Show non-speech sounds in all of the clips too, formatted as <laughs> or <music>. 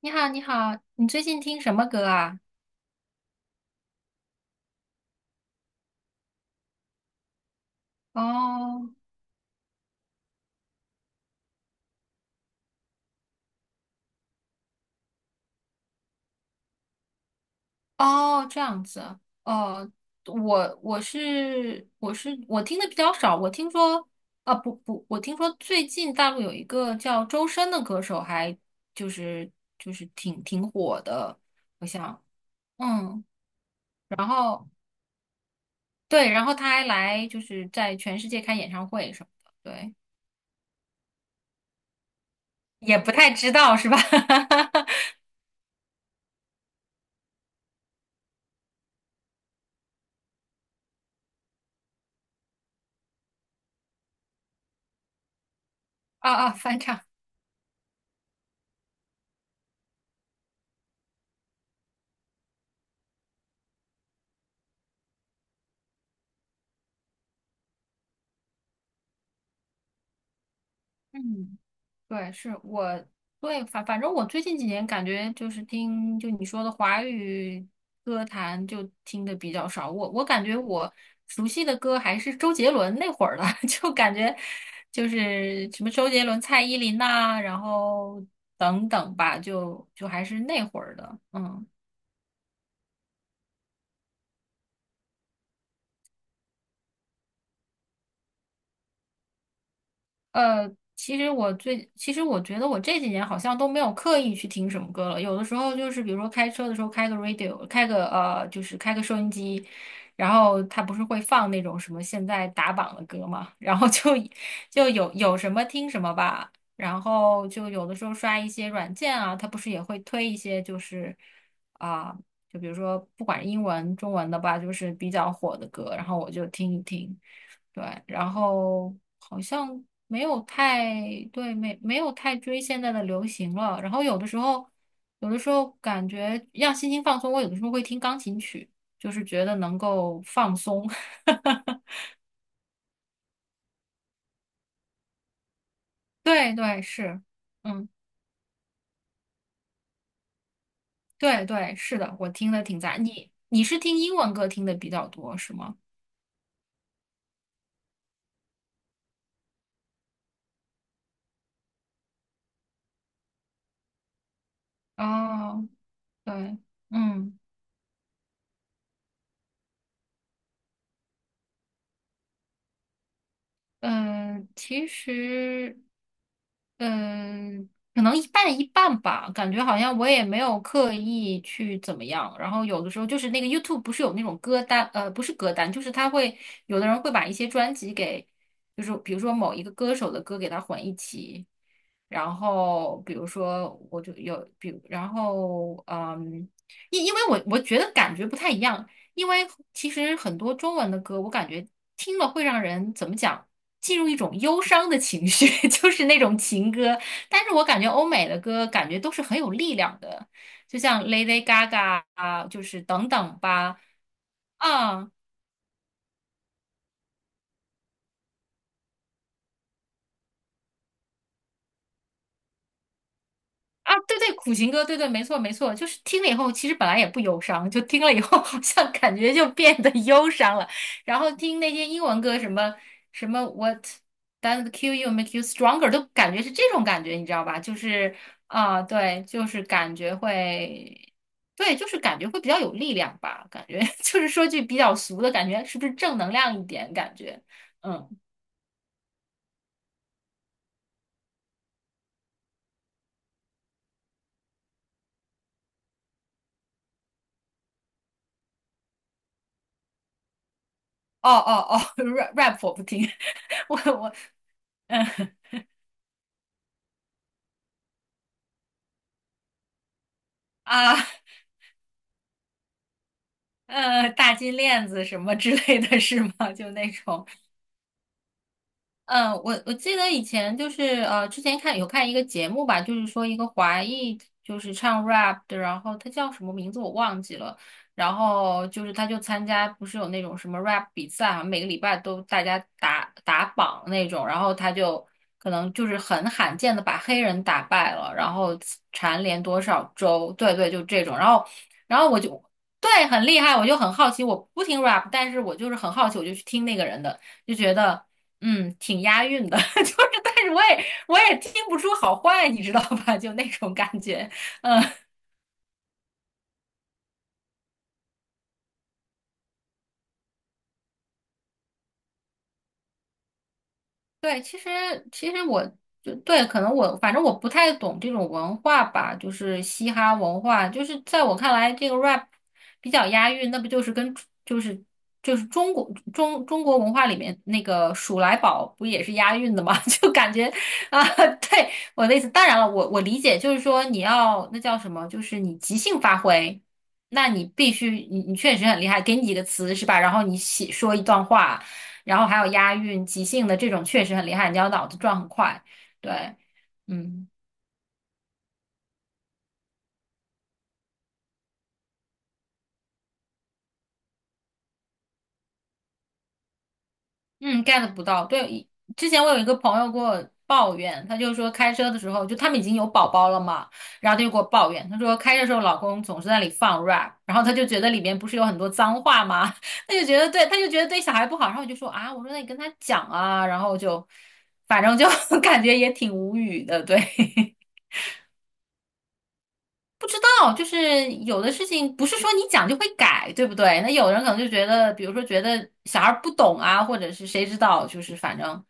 你好，你好，你最近听什么歌啊？哦，哦，这样子，哦，我听的比较少，我听说，啊，不不，我听说最近大陆有一个叫周深的歌手还，就是就是挺火的，我想，嗯，然后对，然后他还来就是在全世界开演唱会什么的，对，也不太知道是吧？<laughs> 啊啊，翻唱，嗯。对，对，反正我最近几年感觉就是听就你说的华语歌坛就听的比较少，我感觉我熟悉的歌还是周杰伦那会儿的，<laughs> 就感觉就是什么周杰伦、蔡依林呐、然后等等吧，就还是那会儿的，嗯。呃，其实其实我觉得我这几年好像都没有刻意去听什么歌了。有的时候就是，比如说开车的时候开个 radio，开个就是开个收音机，然后它不是会放那种什么现在打榜的歌嘛，<laughs> 然后就有什么听什么吧。然后就有的时候刷一些软件啊，它不是也会推一些就是啊、就比如说不管是英文、中文的吧，就是比较火的歌，然后我就听一听。对，然后好像没有太，对，没有太追现在的流行了。然后有的时候，有的时候感觉让心情放松，我有的时候会听钢琴曲，就是觉得能够放松。<laughs> 对对是，嗯，对对是的，我听的挺杂。你是听英文歌听的比较多是吗？哦，对，嗯。嗯，其实，嗯，可能一半一半吧，感觉好像我也没有刻意去怎么样。然后有的时候就是那个 YouTube 不是有那种歌单，呃，不是歌单，就是他会有的人会把一些专辑给，就是比如说某一个歌手的歌给它混一起。然后比如说我就有，比如然后嗯，因为我觉得感觉不太一样，因为其实很多中文的歌，我感觉听了会让人怎么讲？进入一种忧伤的情绪，<laughs> 就是那种情歌。但是我感觉欧美的歌感觉都是很有力量的，就像 Lady Gaga 啊，就是等等吧，啊。啊，对对，苦情歌，对对，没错没错，就是听了以后，其实本来也不忧伤，就听了以后好像感觉就变得忧伤了。然后听那些英文歌，什么什么 What doesn't kill you make you stronger，都感觉是这种感觉，你知道吧？就是啊、对，就是感觉会，对，就是感觉会比较有力量吧，感觉 <laughs> 就是说句比较俗的感觉，是不是正能量一点感觉？嗯，哦哦哦 <laughs>，rap 我不听，<laughs> 我嗯啊。大金链子什么之类的是吗？就那种。嗯，我记得以前就是之前看有看一个节目吧，就是说一个华裔就是唱 rap 的，然后他叫什么名字我忘记了，然后就是他就参加不是有那种什么 rap 比赛啊，好像每个礼拜都大家打打榜那种，然后他就可能就是很罕见的把黑人打败了，然后蝉联多少周，对对，就这种，然后我就对很厉害，我就很好奇，我不听 rap，但是我就是很好奇，我就去听那个人的。就觉得挺押韵的，<laughs> 就是，但是我也听不出好坏，你知道吧？就那种感觉，嗯。对，其实我就对，可能我反正我不太懂这种文化吧，就是嘻哈文化，就是在我看来，这个 rap 比较押韵，那不就是跟就是就是中国中国文化里面那个数来宝不也是押韵的吗？<laughs> 就感觉啊，对我的意思，当然了，我理解就是说你要那叫什么，就是你即兴发挥，那你必须你确实很厉害，给你几个词是吧？然后你写说一段话。然后还有押韵、即兴的这种确实很厉害，你要脑子转很快。对，嗯嗯，get 不到。对，之前我有一个朋友给我抱怨，他就说开车的时候，就他们已经有宝宝了嘛，然后他就给我抱怨，他说开车的时候老公总是在那里放 rap，然后他就觉得里面不是有很多脏话吗？<laughs> 他就觉得对，他就觉得对小孩不好，然后我就说啊，我说那你跟他讲啊，然后就反正就 <laughs> 感觉也挺无语的，对。<laughs> 不知道，就是有的事情不是说你讲就会改，对不对？那有人可能就觉得，比如说觉得小孩儿不懂啊，或者是谁知道，就是反正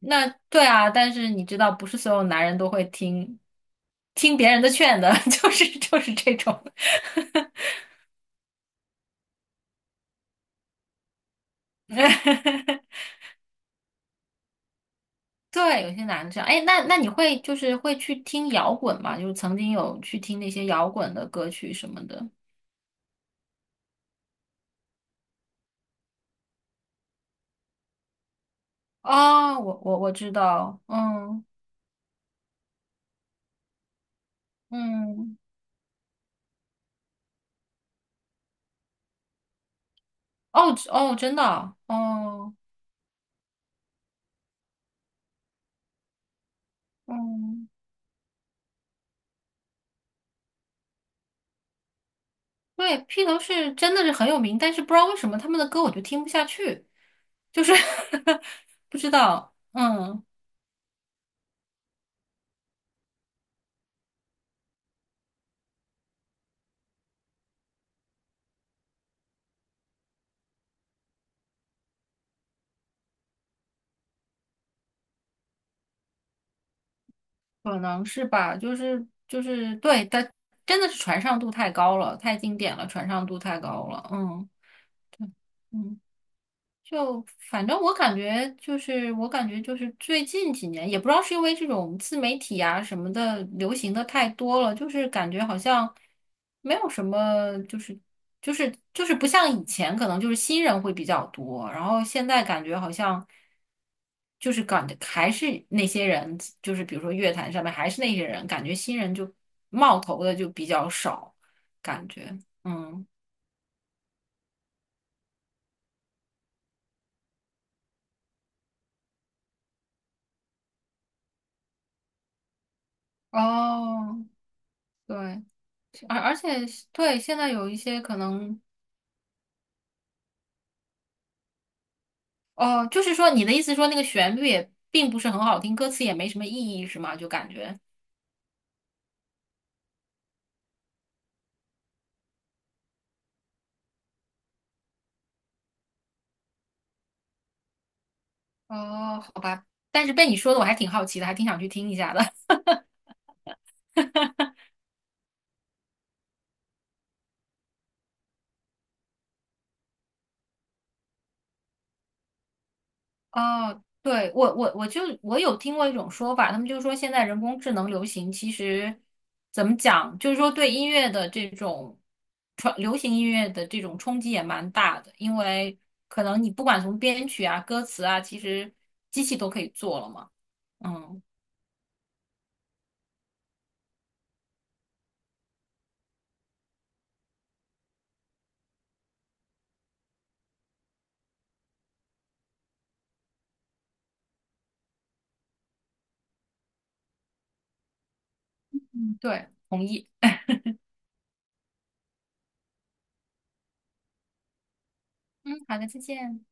那对啊。但是你知道，不是所有男人都会听听别人的劝的，<laughs> 就是这种。<laughs> 对，有些男的这样。哎，那你会就是会去听摇滚吗？就是曾经有去听那些摇滚的歌曲什么的。哦，我知道，嗯嗯，哦哦，真的啊，哦。嗯，对，披头士真的是很有名，但是不知道为什么他们的歌我就听不下去，就是 <laughs> 不知道，嗯，可能是吧，就是对，它真的是传唱度太高了，太经典了，传唱度太高了，嗯嗯。就反正我感觉就是，我感觉就是最近几年，也不知道是因为这种自媒体啊什么的流行的太多了，就是感觉好像没有什么，就是就是不像以前，可能就是新人会比较多，然后现在感觉好像就是感觉还是那些人，就是比如说乐坛上面还是那些人，感觉新人就冒头的就比较少，感觉嗯哦对。而且是对，现在有一些可能，哦，就是说你的意思说那个旋律也并不是很好听，歌词也没什么意义，是吗？就感觉，哦，好吧，但是被你说的我还挺好奇的，还挺想去听一下的。<laughs> 哦，对，我就我有听过一种说法，他们就说现在人工智能流行，其实怎么讲，就是说对音乐的这种传流行音乐的这种冲击也蛮大的，因为可能你不管从编曲啊、歌词啊，其实机器都可以做了嘛。嗯。对，同意。嗯，好的，再见。